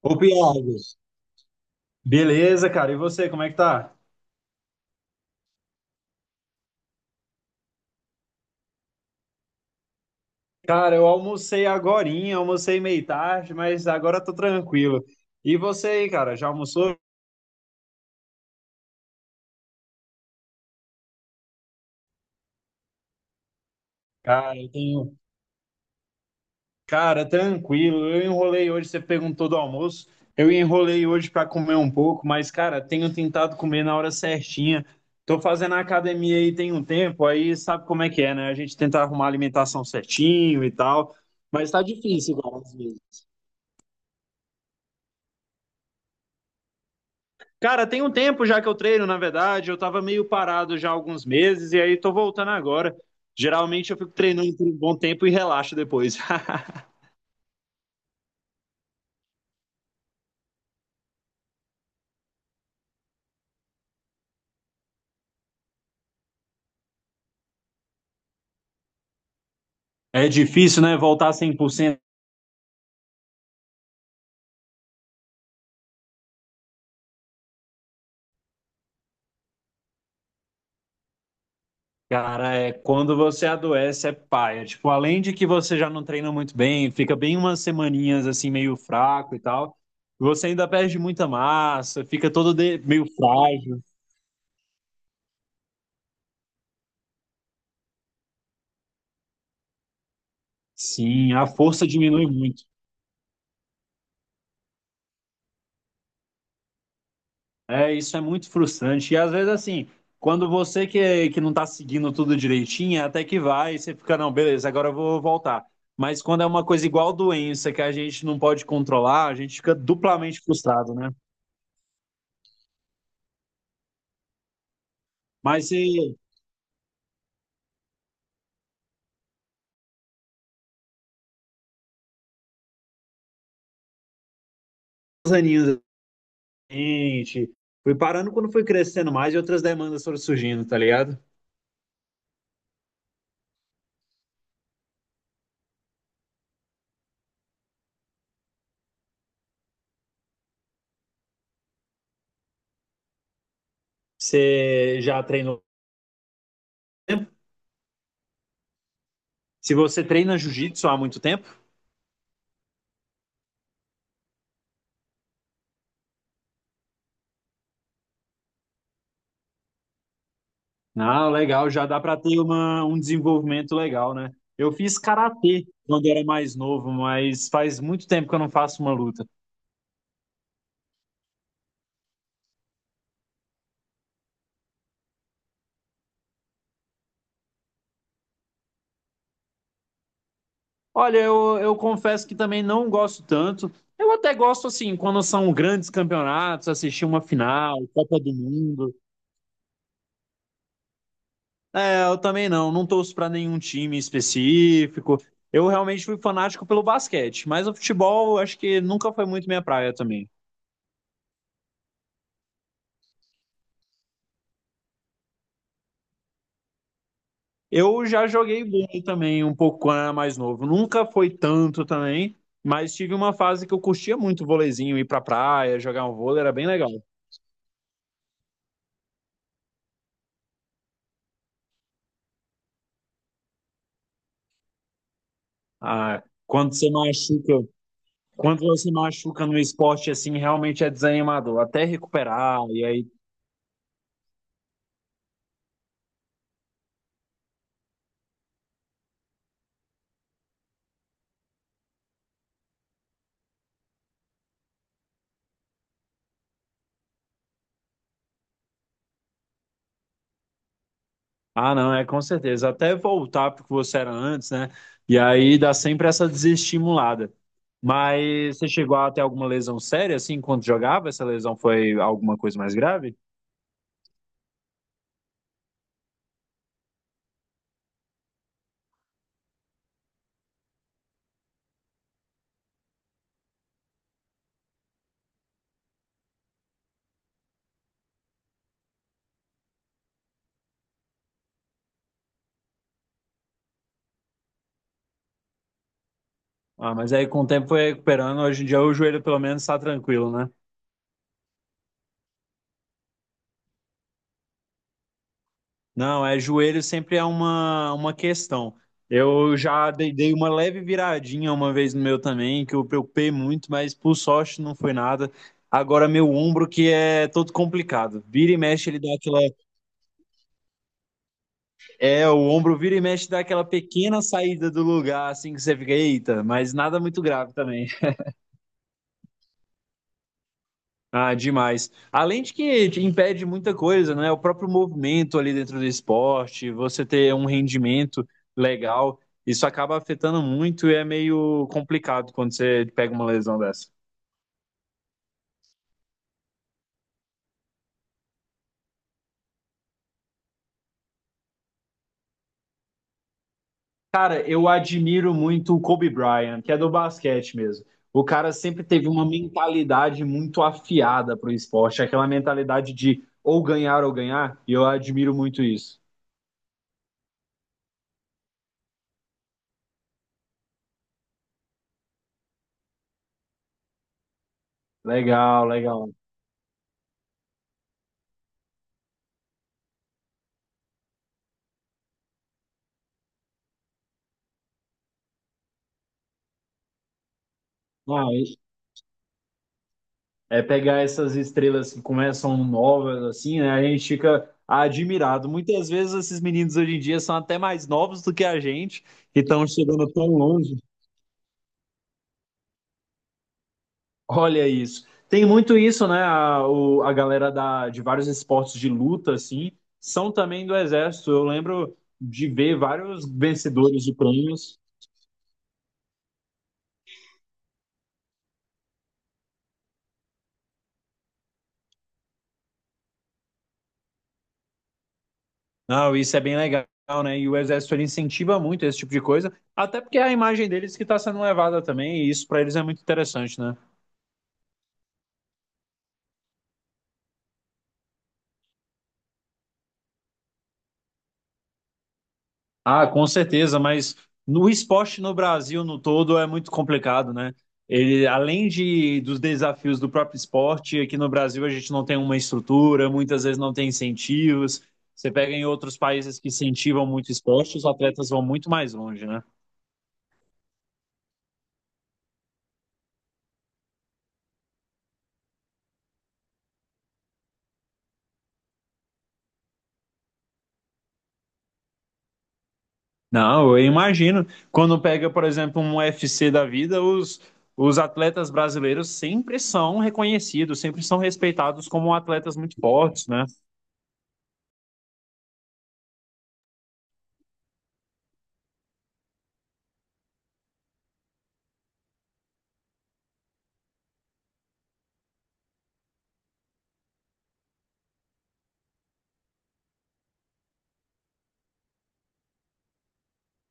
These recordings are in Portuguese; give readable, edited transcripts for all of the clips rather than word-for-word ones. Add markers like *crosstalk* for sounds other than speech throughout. Ô, Piagos, beleza, cara. E você, como é que tá? Cara, eu almocei agorinha, almocei meio tarde, mas agora tô tranquilo. E você aí, cara, já almoçou? Cara, eu tenho. Cara, tranquilo. Eu enrolei hoje, você perguntou do almoço. Eu enrolei hoje pra comer um pouco, mas, cara, tenho tentado comer na hora certinha. Tô fazendo academia aí tem um tempo, aí sabe como é que é, né? A gente tenta arrumar a alimentação certinho e tal, mas tá difícil, cara, às vezes. Cara, tem um tempo já que eu treino, na verdade, eu tava meio parado já há alguns meses e aí tô voltando agora. Geralmente eu fico treinando por um bom tempo e relaxo depois. *laughs* É difícil, né, voltar 100%. Cara, é quando você adoece é paia. Tipo, além de que você já não treina muito bem, fica bem umas semaninhas assim meio fraco e tal. Você ainda perde muita massa, fica todo meio frágil. Sim, a força diminui muito. É, isso é muito frustrante. E às vezes, assim, quando você que não tá seguindo tudo direitinho, até que vai, você fica, não, beleza, agora eu vou voltar. Mas quando é uma coisa igual doença que a gente não pode controlar, a gente fica duplamente frustrado, né? Mas se os aninhos, gente, fui parando quando fui crescendo mais e outras demandas foram surgindo, tá ligado? Você já treinou há muito tempo? Se você treina jiu-jitsu há muito tempo, ah, legal, já dá para ter um desenvolvimento legal, né? Eu fiz karatê quando era mais novo, mas faz muito tempo que eu não faço uma luta. Olha, eu confesso que também não gosto tanto. Eu até gosto, assim, quando são grandes campeonatos, assistir uma final, Copa do Mundo. É, eu também não, não torço para nenhum time específico. Eu realmente fui fanático pelo basquete, mas o futebol acho que nunca foi muito minha praia também. Eu já joguei vôlei também um pouco quando era mais novo. Nunca foi tanto também, mas tive uma fase que eu curtia muito o vôleizinho, ir pra praia, jogar um vôlei, era bem legal. Ah, quando você machuca, quando você machuca no esporte assim, realmente é desanimador, até recuperar e aí, ah, não, é com certeza, até voltar pro que você era antes, né? E aí dá sempre essa desestimulada. Mas você chegou a ter alguma lesão séria assim quando jogava? Essa lesão foi alguma coisa mais grave? Ah, mas aí com o tempo foi recuperando. Hoje em dia o joelho pelo menos está tranquilo, né? Não, é joelho sempre é uma questão. Eu já dei uma leve viradinha uma vez no meu também, que eu preocupei muito, mas por sorte não foi nada. Agora meu ombro que é todo complicado. Vira e mexe ele dá aquela... É, o ombro vira e mexe dá aquela pequena saída do lugar, assim que você fica, eita, mas nada muito grave também. Ah, demais. Além de que te impede muita coisa, né? O próprio movimento ali dentro do esporte, você ter um rendimento legal, isso acaba afetando muito e é meio complicado quando você pega uma lesão dessa. Cara, eu admiro muito o Kobe Bryant, que é do basquete mesmo. O cara sempre teve uma mentalidade muito afiada pro esporte, aquela mentalidade de ou ganhar, e eu admiro muito isso. Legal, legal. Ah, é pegar essas estrelas que começam novas, assim, né? A gente fica admirado. Muitas vezes esses meninos hoje em dia são até mais novos do que a gente e estão chegando tão longe. Olha isso. Tem muito isso, né? A galera de vários esportes de luta, assim, são também do exército. Eu lembro de ver vários vencedores de prêmios. Não, isso é bem legal, né? E o exército ele incentiva muito esse tipo de coisa, até porque é a imagem deles que está sendo levada também, e isso para eles é muito interessante, né? Ah, com certeza, mas no esporte no Brasil no todo é muito complicado, né? Ele, dos desafios do próprio esporte, aqui no Brasil a gente não tem uma estrutura, muitas vezes não tem incentivos. Você pega em outros países que incentivam muito o esporte, os atletas vão muito mais longe, né? Não, eu imagino. Quando pega, por exemplo, um UFC da vida, os atletas brasileiros sempre são reconhecidos, sempre são respeitados como atletas muito fortes, né?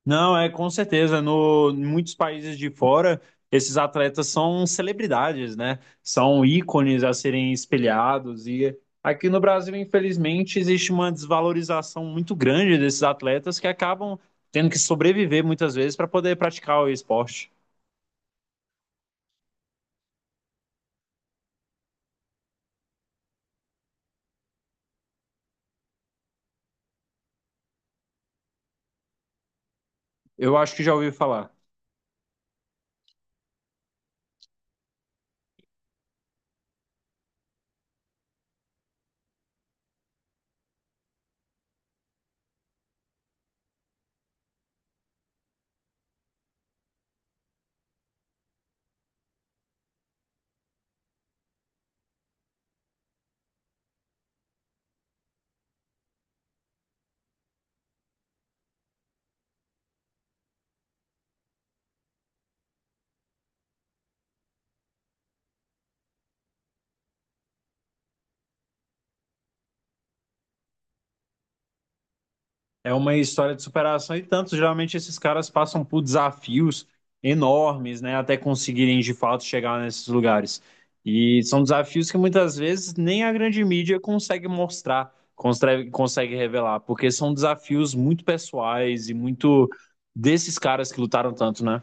Não, é com certeza. No, em muitos países de fora, esses atletas são celebridades, né? São ícones a serem espelhados. E aqui no Brasil, infelizmente, existe uma desvalorização muito grande desses atletas que acabam tendo que sobreviver muitas vezes para poder praticar o esporte. Eu acho que já ouvi falar. É uma história de superação e tanto, geralmente esses caras passam por desafios enormes, né, até conseguirem de fato chegar nesses lugares. E são desafios que muitas vezes nem a grande mídia consegue mostrar, consegue revelar, porque são desafios muito pessoais e muito desses caras que lutaram tanto, né?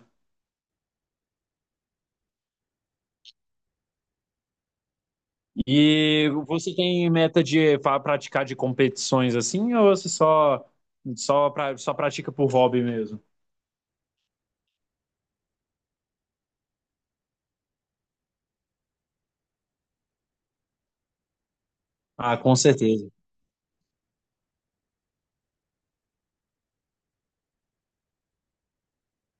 E você tem meta de praticar de competições assim, ou você só pratica por hobby mesmo? Ah, com certeza.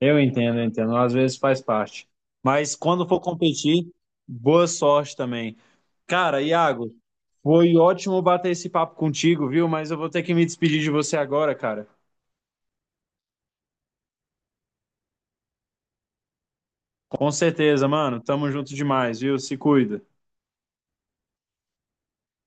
Eu entendo. Às vezes faz parte. Mas quando for competir, boa sorte também. Cara, Iago, foi ótimo bater esse papo contigo, viu? Mas eu vou ter que me despedir de você agora, cara. Com certeza, mano. Tamo junto demais, viu? Se cuida.